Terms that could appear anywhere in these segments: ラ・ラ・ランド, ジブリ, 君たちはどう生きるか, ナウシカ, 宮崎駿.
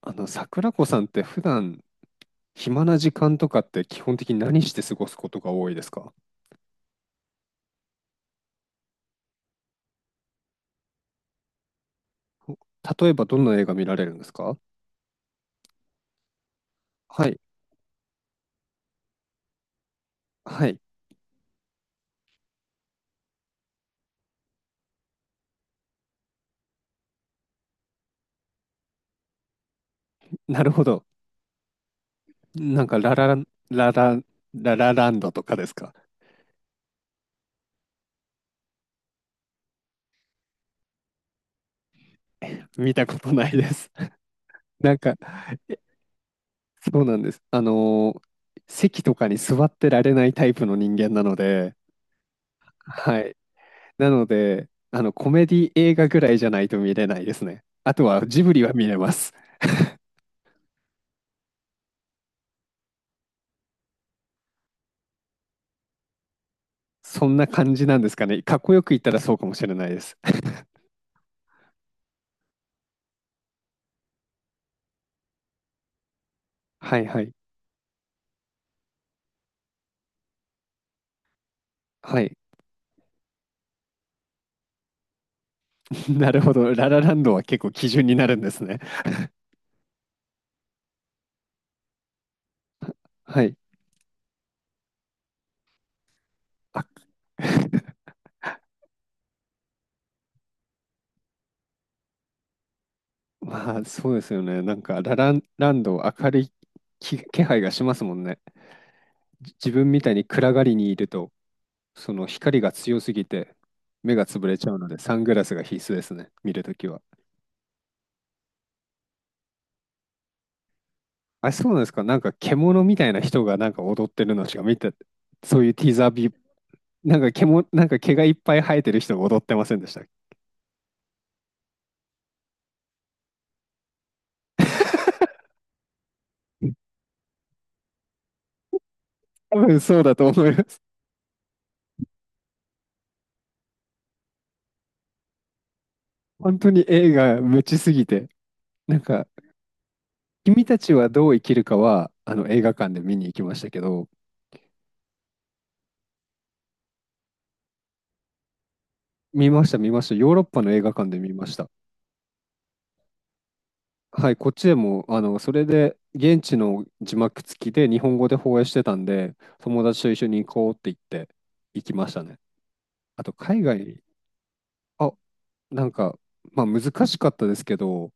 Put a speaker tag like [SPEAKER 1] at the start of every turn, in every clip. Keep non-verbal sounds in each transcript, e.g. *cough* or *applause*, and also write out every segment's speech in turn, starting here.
[SPEAKER 1] 桜子さんって普段暇な時間とかって基本的に何して過ごすことが多いですか？お、例えばどんな映画見られるんですか？はい、はい、なるほど。なんかララ、ララランドとかですか？見たことないです。*laughs* なんか、えそうなんです。席とかに座ってられないタイプの人間なので、はい。なので、あの、コメディ映画ぐらいじゃないと見れないですね。あとはジブリは見れます。そんな感じなんですかね。かっこよく言ったらそうかもしれないです。*laughs* はいはい。はい。*laughs* なるほど。ララランドは結構基準になるんですね。はい。あ、*laughs* まあそうですよね。なんかララランド明るい気配がしますもんね。自分みたいに暗がりにいると、その光が強すぎて目が潰れちゃうので、サングラスが必須ですね。見るときは。あ、そうなんですか。なんか獣みたいな人がなんか踊ってるのしか見て、そういうティーザービなんか毛がいっぱい生えてる人が踊ってませんでしたっけ。*laughs* 多分そうだと思います。本当に映画無知すぎて。なんか、君たちはどう生きるかは、あの映画館で見に行きましたけど、見ました、見ました。ヨーロッパの映画館で見ました。はい、こっちでも、あの、それで、現地の字幕付きで日本語で放映してたんで、友達と一緒に行こうって言って、行きましたね。あと、海外、あ、なんか、まあ難しかったですけど、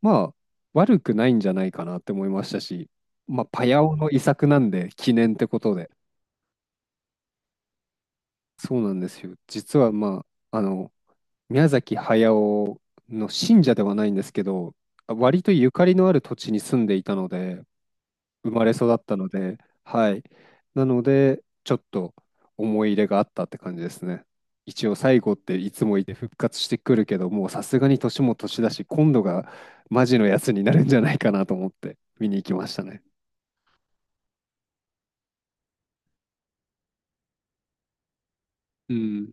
[SPEAKER 1] まあ、悪くないんじゃないかなって思いましたし、まあ、パヤオの遺作なんで、記念ってことで。そうなんですよ。実は、あ、あの、宮崎駿の信者ではないんですけど、割とゆかりのある土地に住んでいたので、生まれ育ったので、はい。なので、ちょっと思い入れがあったって感じですね。一応最後っていつもいて復活してくるけど、もうさすがに年も年だし、今度がマジのやつになるんじゃないかなと思って見に行きましたね。うん。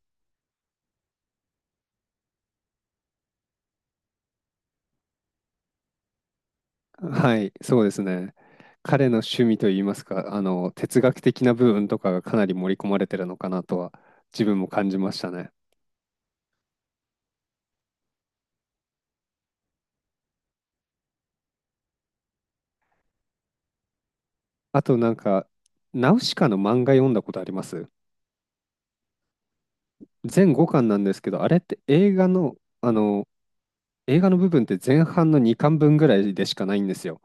[SPEAKER 1] はい、そうですね。彼の趣味といいますか、あの、哲学的な部分とかがかなり盛り込まれてるのかなとは、自分も感じましたね。あとなんか、ナウシカの漫画読んだことあります？全後巻なんですけど、あれって映画の、あの、映画の部分って前半の2巻分ぐらいでしかないんですよ。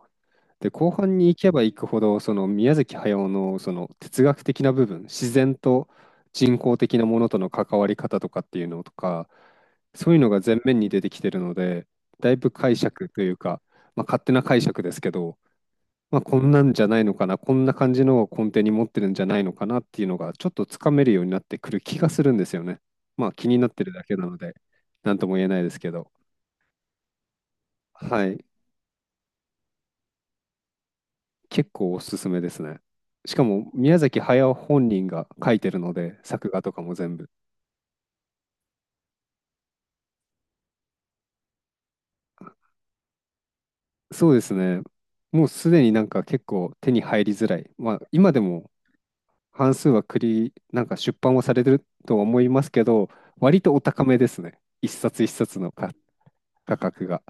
[SPEAKER 1] で、後半に行けば行くほど、その宮崎駿のその哲学的な部分、自然と人工的なものとの関わり方とかっていうのとか、そういうのが前面に出てきてるので、だいぶ解釈というか、まあ、勝手な解釈ですけど、まあ、こんなんじゃないのかな、こんな感じのを根底に持ってるんじゃないのかなっていうのが、ちょっとつかめるようになってくる気がするんですよね。まあ気になってるだけなので、なんとも言えないですけど。はい。結構おすすめですね。しかも宮崎駿本人が書いてるので、作画とかも全部。そうですね。もうすでになんか結構手に入りづらい。まあ今でも半数は栗、なんか出版はされてるとは思いますけど、割とお高めですね。一冊一冊の価格が。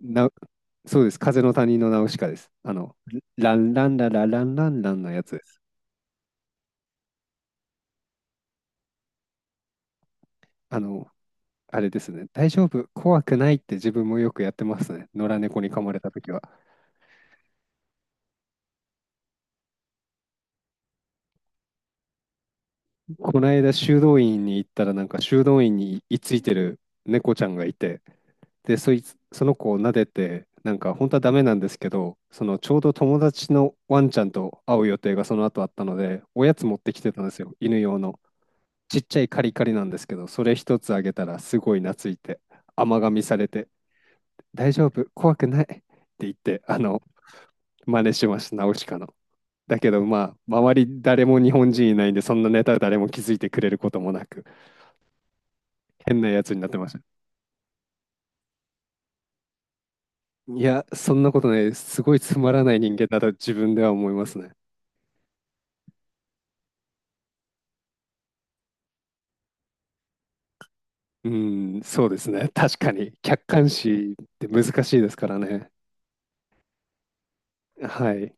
[SPEAKER 1] な、そうです。風の谷のナウシカです。あの、ランランララランランランのやつです。あの、あれですね。大丈夫、怖くないって自分もよくやってますね。野良猫に噛まれた時は。この間修道院に行ったらなんか修道院に居ついてる猫ちゃんがいて、でそいつ、その子を撫でて、なんか本当はダメなんですけど、そのちょうど友達のワンちゃんと会う予定がその後あったので、おやつ持ってきてたんですよ、犬用の。ちっちゃいカリカリなんですけど、それ一つあげたらすごい懐いて、甘噛みされて、「大丈夫、怖くない」って言って、あの、真似しましたナウシカの。だけどまあ周り誰も日本人いないんで、そんなネタ誰も気づいてくれることもなく。変なやつになってました。いや、そんなことねす。ごいつまらない人間だと自分では思いますね。うん、そうですね。確かに。客観視って難しいですからね。はい。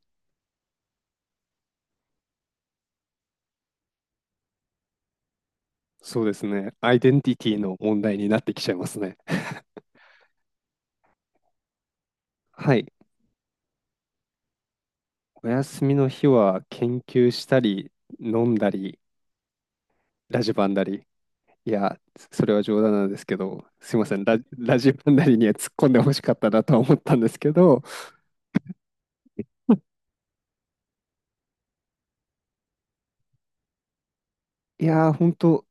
[SPEAKER 1] そうですね。アイデンティティの問題になってきちゃいますね。はい。お休みの日は研究したり、飲んだり、ラジバンだり。いや、それは冗談なんですけど、すいません。ラジバンダリには突っ込んでほしかったなとは思ったんですけど、いやー、ほんと、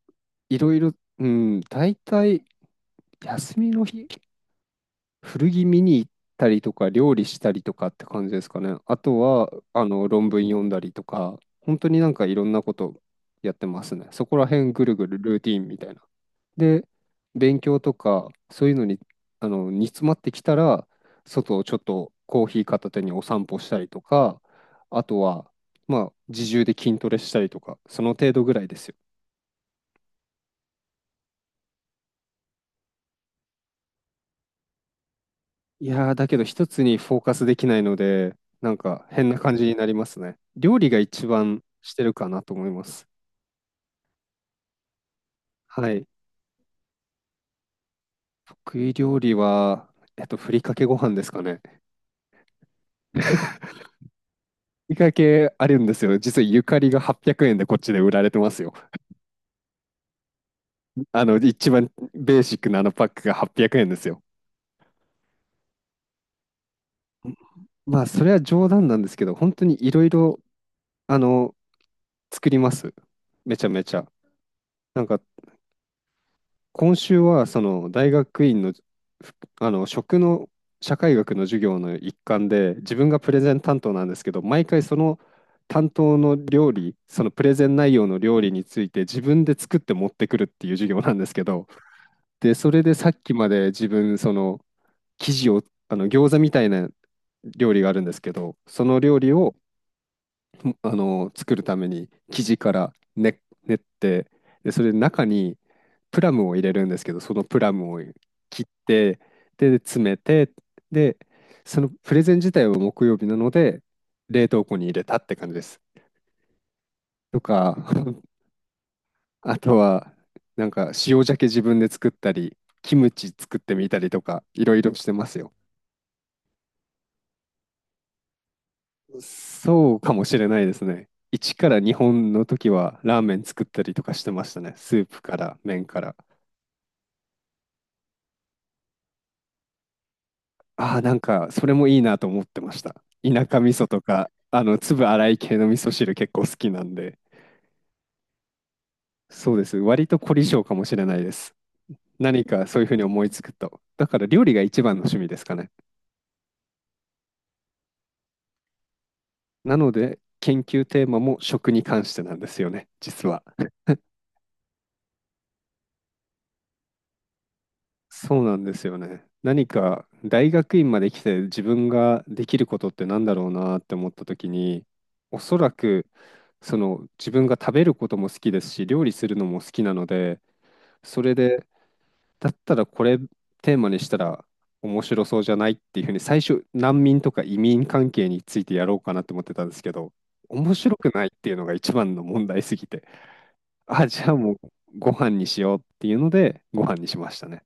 [SPEAKER 1] いろいろ、うん、大体、休みの日、古着見に行ったりとか、料理したりとかって感じですかね。あとは、あの、論文読んだりとか、本当になんかいろんなことやってますね。そこら辺ぐるぐるルーティーンみたいな。で、勉強とか、そういうのに、あの、煮詰まってきたら、外をちょっとコーヒー片手にお散歩したりとか、あとは、まあ、自重で筋トレしたりとか、その程度ぐらいですよ。いやー、だけど一つにフォーカスできないので、なんか変な感じになりますね。料理が一番してるかなと思います。はい。得意料理は、えっと、ふりかけご飯ですかね。ふりかけあるんですよ。実はゆかりが800円でこっちで売られてますよ。あの、一番ベーシックなあのパックが800円ですよ。まあ、それは冗談なんですけど、本当にいろいろ、あの、作ります。めちゃめちゃ。なんか今週はその大学院の、あの食の社会学の授業の一環で自分がプレゼン担当なんですけど、毎回その担当の料理、そのプレゼン内容の料理について自分で作って持ってくるっていう授業なんですけど、でそれでさっきまで自分その生地を、あの、餃子みたいな料理があるんですけど、その料理をあの作るために生地からね練って、でそれで中にプラムを入れるんですけど、そのプラムを切って、で詰めて、でそのプレゼン自体は木曜日なので冷凍庫に入れたって感じです。とか *laughs* あとはなんか塩鮭自分で作ったり、キムチ作ってみたりとかいろいろしてますよ。そうかもしれないですね。1から2本の時はラーメン作ったりとかしてましたね。スープから麺から。ああ、なんか、それもいいなと思ってました。田舎味噌とか、あの、粒粗い系の味噌汁結構好きなんで。そうです。割と凝り性かもしれないです。何かそういうふうに思いつくと。だから料理が一番の趣味ですかね。なので、研究テーマも食に関してなんですよね、実は。そうなんですよね。何か大学院まで来て自分ができることってなんだろうなって思った時に、おそらくその自分が食べることも好きですし、料理するのも好きなので、それで、だったらこれテーマにしたら面白そうじゃないっていうふうに、最初、難民とか移民関係についてやろうかなって思ってたんですけど、面白くないっていうのが一番の問題すぎて、*laughs* あ、じゃあもうご飯にしようっていうので、ご飯にしましたね。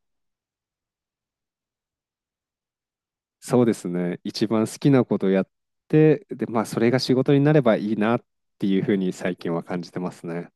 [SPEAKER 1] そうですね、一番好きなことやって、で、まあ、それが仕事になればいいなっていうふうに最近は感じてますね。